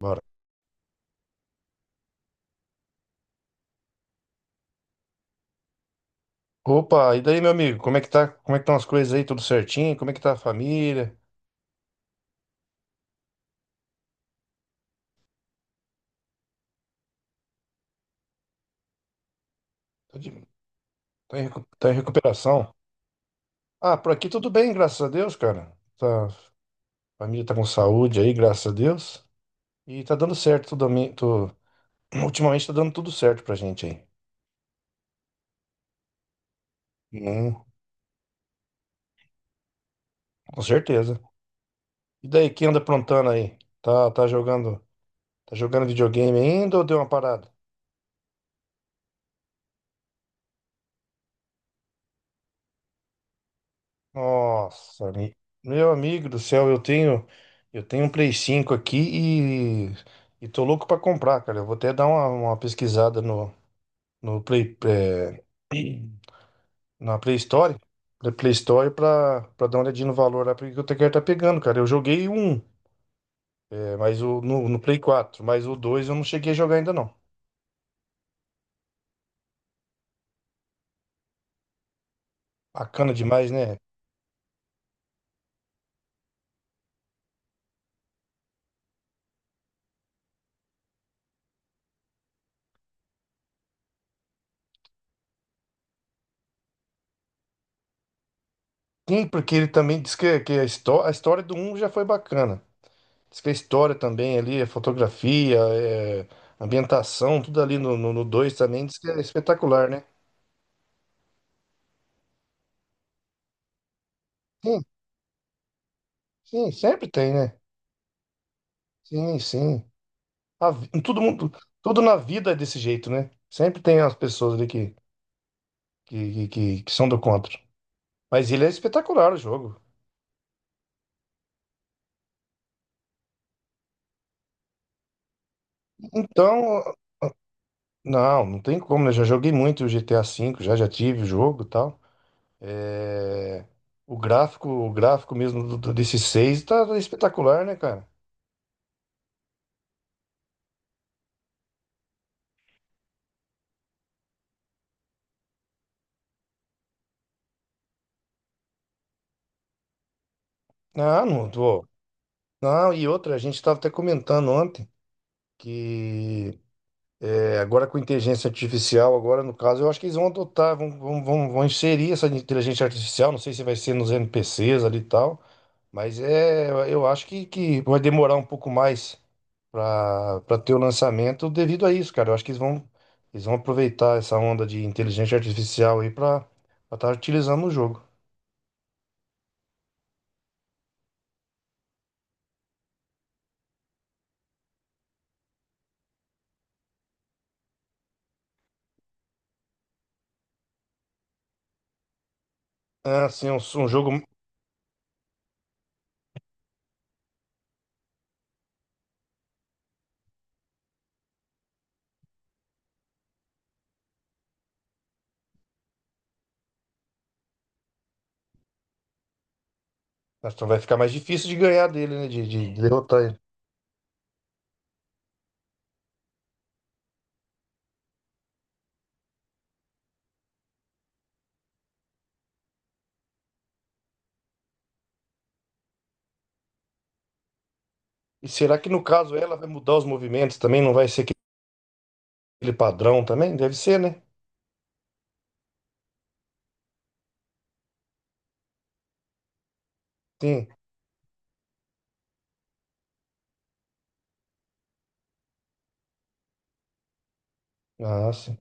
Bora. Opa, e daí, meu amigo? Como é que tá? Como é que estão as coisas aí? Tudo certinho? Como é que tá a família? Tá, tá em recuperação? Ah, por aqui tudo bem, graças a Deus, cara. Tá, a família tá com saúde aí, graças a Deus. E tá dando certo tudo. Ultimamente tá dando tudo certo pra gente aí. Hum, com certeza. E daí, quem anda aprontando aí? Tá, jogando videogame ainda ou deu uma parada? Nossa, meu amigo do céu, eu tenho um Play 5 aqui e tô louco pra comprar, cara. Eu vou até dar uma pesquisada no Play, na Play Store, na Play Store pra dar uma olhadinha no valor lá, porque quero estar tá pegando, cara. Eu joguei no Play 4, mas o dois eu não cheguei a jogar ainda não. Bacana demais, né? Sim, porque ele também diz que a história do um já foi bacana. Diz que a história também ali, a fotografia, ambientação, tudo ali no dois também, diz que é espetacular, né? Sim, sim, sempre tem, né? Sim, sim. Todo mundo, tudo na vida é desse jeito, né? Sempre tem as pessoas ali que são do contra. Mas ele é espetacular o jogo. Então, não, não tem como, né? Já joguei muito o GTA V, já tive o jogo e tal. É, o gráfico, mesmo desse 6 tá espetacular, né, cara? Ah, não, tô. Não, e outra, a gente estava até comentando ontem que agora com inteligência artificial, agora no caso, eu acho que eles vão adotar, vão, vão, vão, vão inserir essa inteligência artificial, não sei se vai ser nos NPCs ali e tal, mas eu acho que vai demorar um pouco mais para ter o lançamento devido a isso, cara. Eu acho que eles vão aproveitar essa onda de inteligência artificial aí para estar utilizando no jogo. É, assim, um jogo então vai ficar mais difícil de ganhar dele, né? De derrotar. E será que no caso ela vai mudar os movimentos também? Não vai ser aquele padrão também? Deve ser, né? Sim. Ah, sim.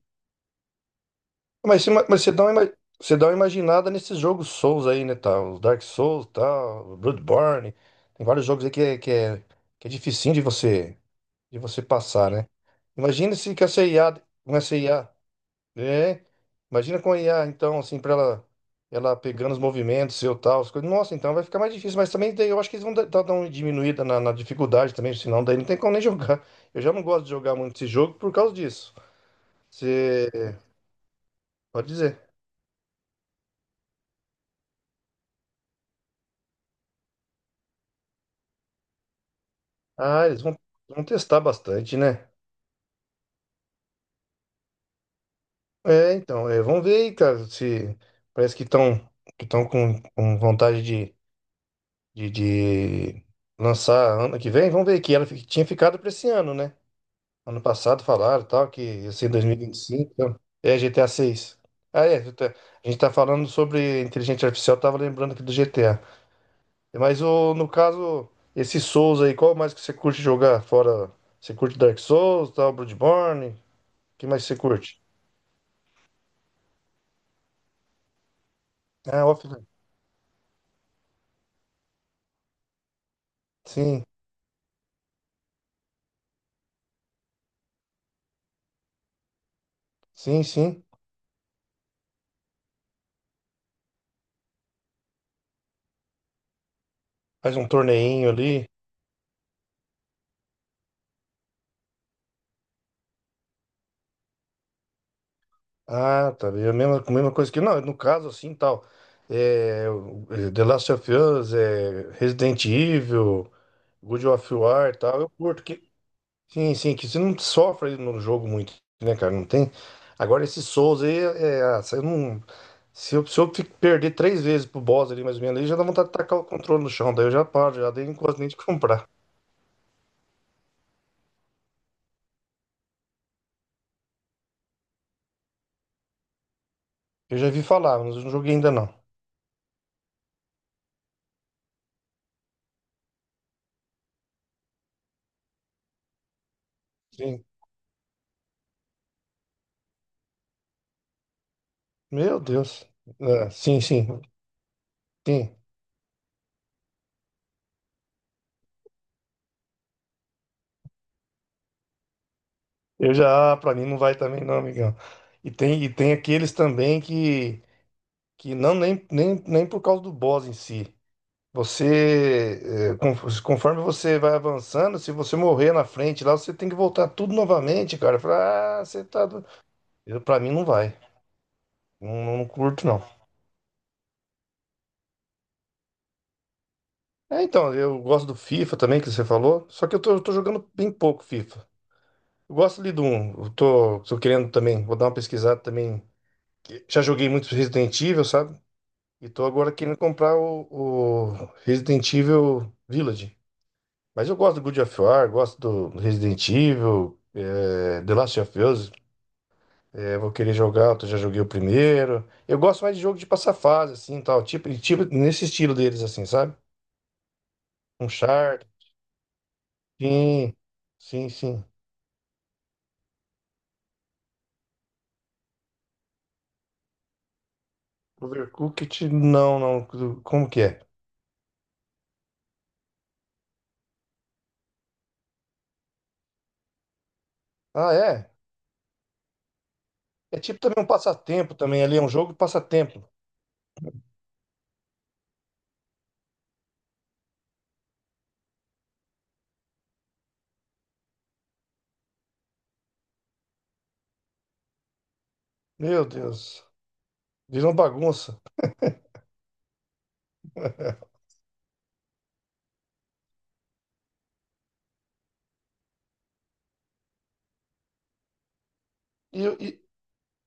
Mas, se- mas você você dá uma imaginada nesses jogos Souls aí, né? Tá? Os Dark Souls, tal, Bloodborne. Tem vários jogos aí que é dificinho de você passar, né? Imagina se com essa IA, com essa I A É, imagina com a IA, então, assim, pra ela pegando os movimentos, seu tal, as coisas. Nossa, então vai ficar mais difícil, mas também daí eu acho que eles vão dar uma diminuída na dificuldade também, senão daí não tem como nem jogar. Eu já não gosto de jogar muito esse jogo por causa disso. Você pode dizer. Ah, eles vão testar bastante, né? É, então, vamos ver aí, cara, se parece que estão com vontade de, de lançar ano que vem. Vamos ver que tinha ficado para esse ano, né? Ano passado falaram tal, que ia ser em 2025. Então. É GTA 6. Ah, é. GTA. A gente tá falando sobre inteligência artificial, tava lembrando aqui do GTA. No caso, esse Souls aí, qual mais que você curte jogar? Fora. Você curte Dark Souls, tal, Bloodborne? O que mais você curte? Ah, offline. Sim, sim, sim. Faz um torneinho ali. Ah, tá. É a mesma coisa que. Não, no caso, assim, tal. É, The Last of Us, Resident Evil. God of War e tal, eu curto. Sim, sim, que você não sofre no jogo muito, né, cara? Não tem. Agora, esse Souls aí, se eu não. Se eu perder três vezes pro boss ali, mais ou menos, aí já dá vontade de tacar o controle no chão. Daí eu já paro, já dei quase nem de comprar. Eu já vi falar, mas eu não joguei ainda não. Sim. Meu Deus. Ah, sim, sim, sim. Eu já, pra mim não vai também não, amigão. E tem aqueles também que não, nem por causa do boss em si. Você, conforme você vai avançando, se você morrer na frente lá, você tem que voltar tudo novamente, cara. Fala, você tá. Eu, pra mim não vai. Não, não curto, não. É, então, eu gosto do FIFA também, que você falou. Só que eu tô jogando bem pouco FIFA. Eu gosto ali do 1. Eu tô querendo também, vou dar uma pesquisada também. Já joguei muito Resident Evil, sabe? E tô agora querendo comprar o Resident Evil Village. Mas eu gosto do God of War, gosto do Resident Evil, The Last of Us. Vou querer jogar, eu já joguei o primeiro. Eu gosto mais de jogo de passar fase, assim, tal. Tipo, nesse estilo deles, assim, sabe? Uncharted. Sim, sim, sim. Overcooked, não, não. Como que é? Ah, é? É tipo também um passatempo também ali, é um jogo de passatempo. Meu Deus, virou uma bagunça. E, e-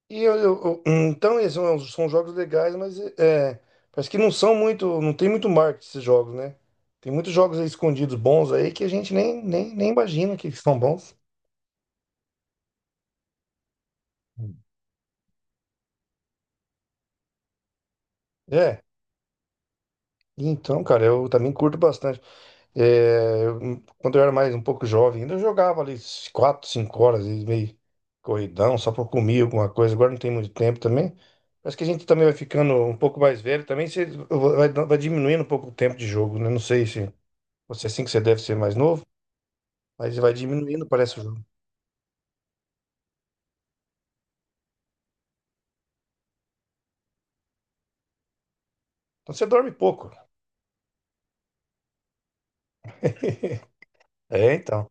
Então, eles são jogos legais, mas parece que não são muito, não tem muito marketing esses jogos, né? Tem muitos jogos aí escondidos bons aí que a gente nem imagina que são bons. É, então, cara, eu também curto bastante. É, quando eu era mais um pouco jovem, ainda eu jogava ali 4 5 horas, e meio corridão, só pra comer alguma coisa. Agora não tem muito tempo também. Parece que a gente também vai ficando um pouco mais velho, também você vai diminuindo um pouco o tempo de jogo, né? Não sei se. Você assim que você deve ser mais novo, mas vai diminuindo, parece o jogo. Então você dorme pouco. É, então.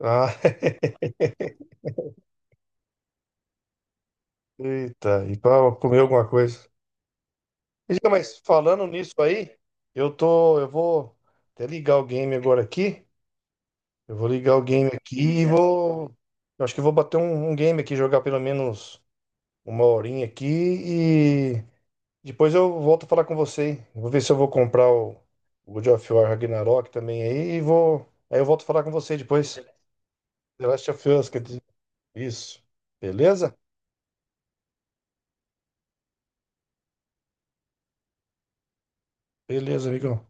Ah, eita, e para comer alguma coisa. E diga, mas falando nisso aí, eu vou até ligar o game agora aqui. Eu vou ligar o game aqui e vou. Eu acho que eu vou bater um game aqui, jogar pelo menos uma horinha aqui e depois eu volto a falar com você, hein? Vou ver se eu vou comprar o God of War Ragnarok também aí e vou. Aí eu volto a falar com você depois. The Last of Us, quer dizer, isso. Beleza? Beleza, amigão.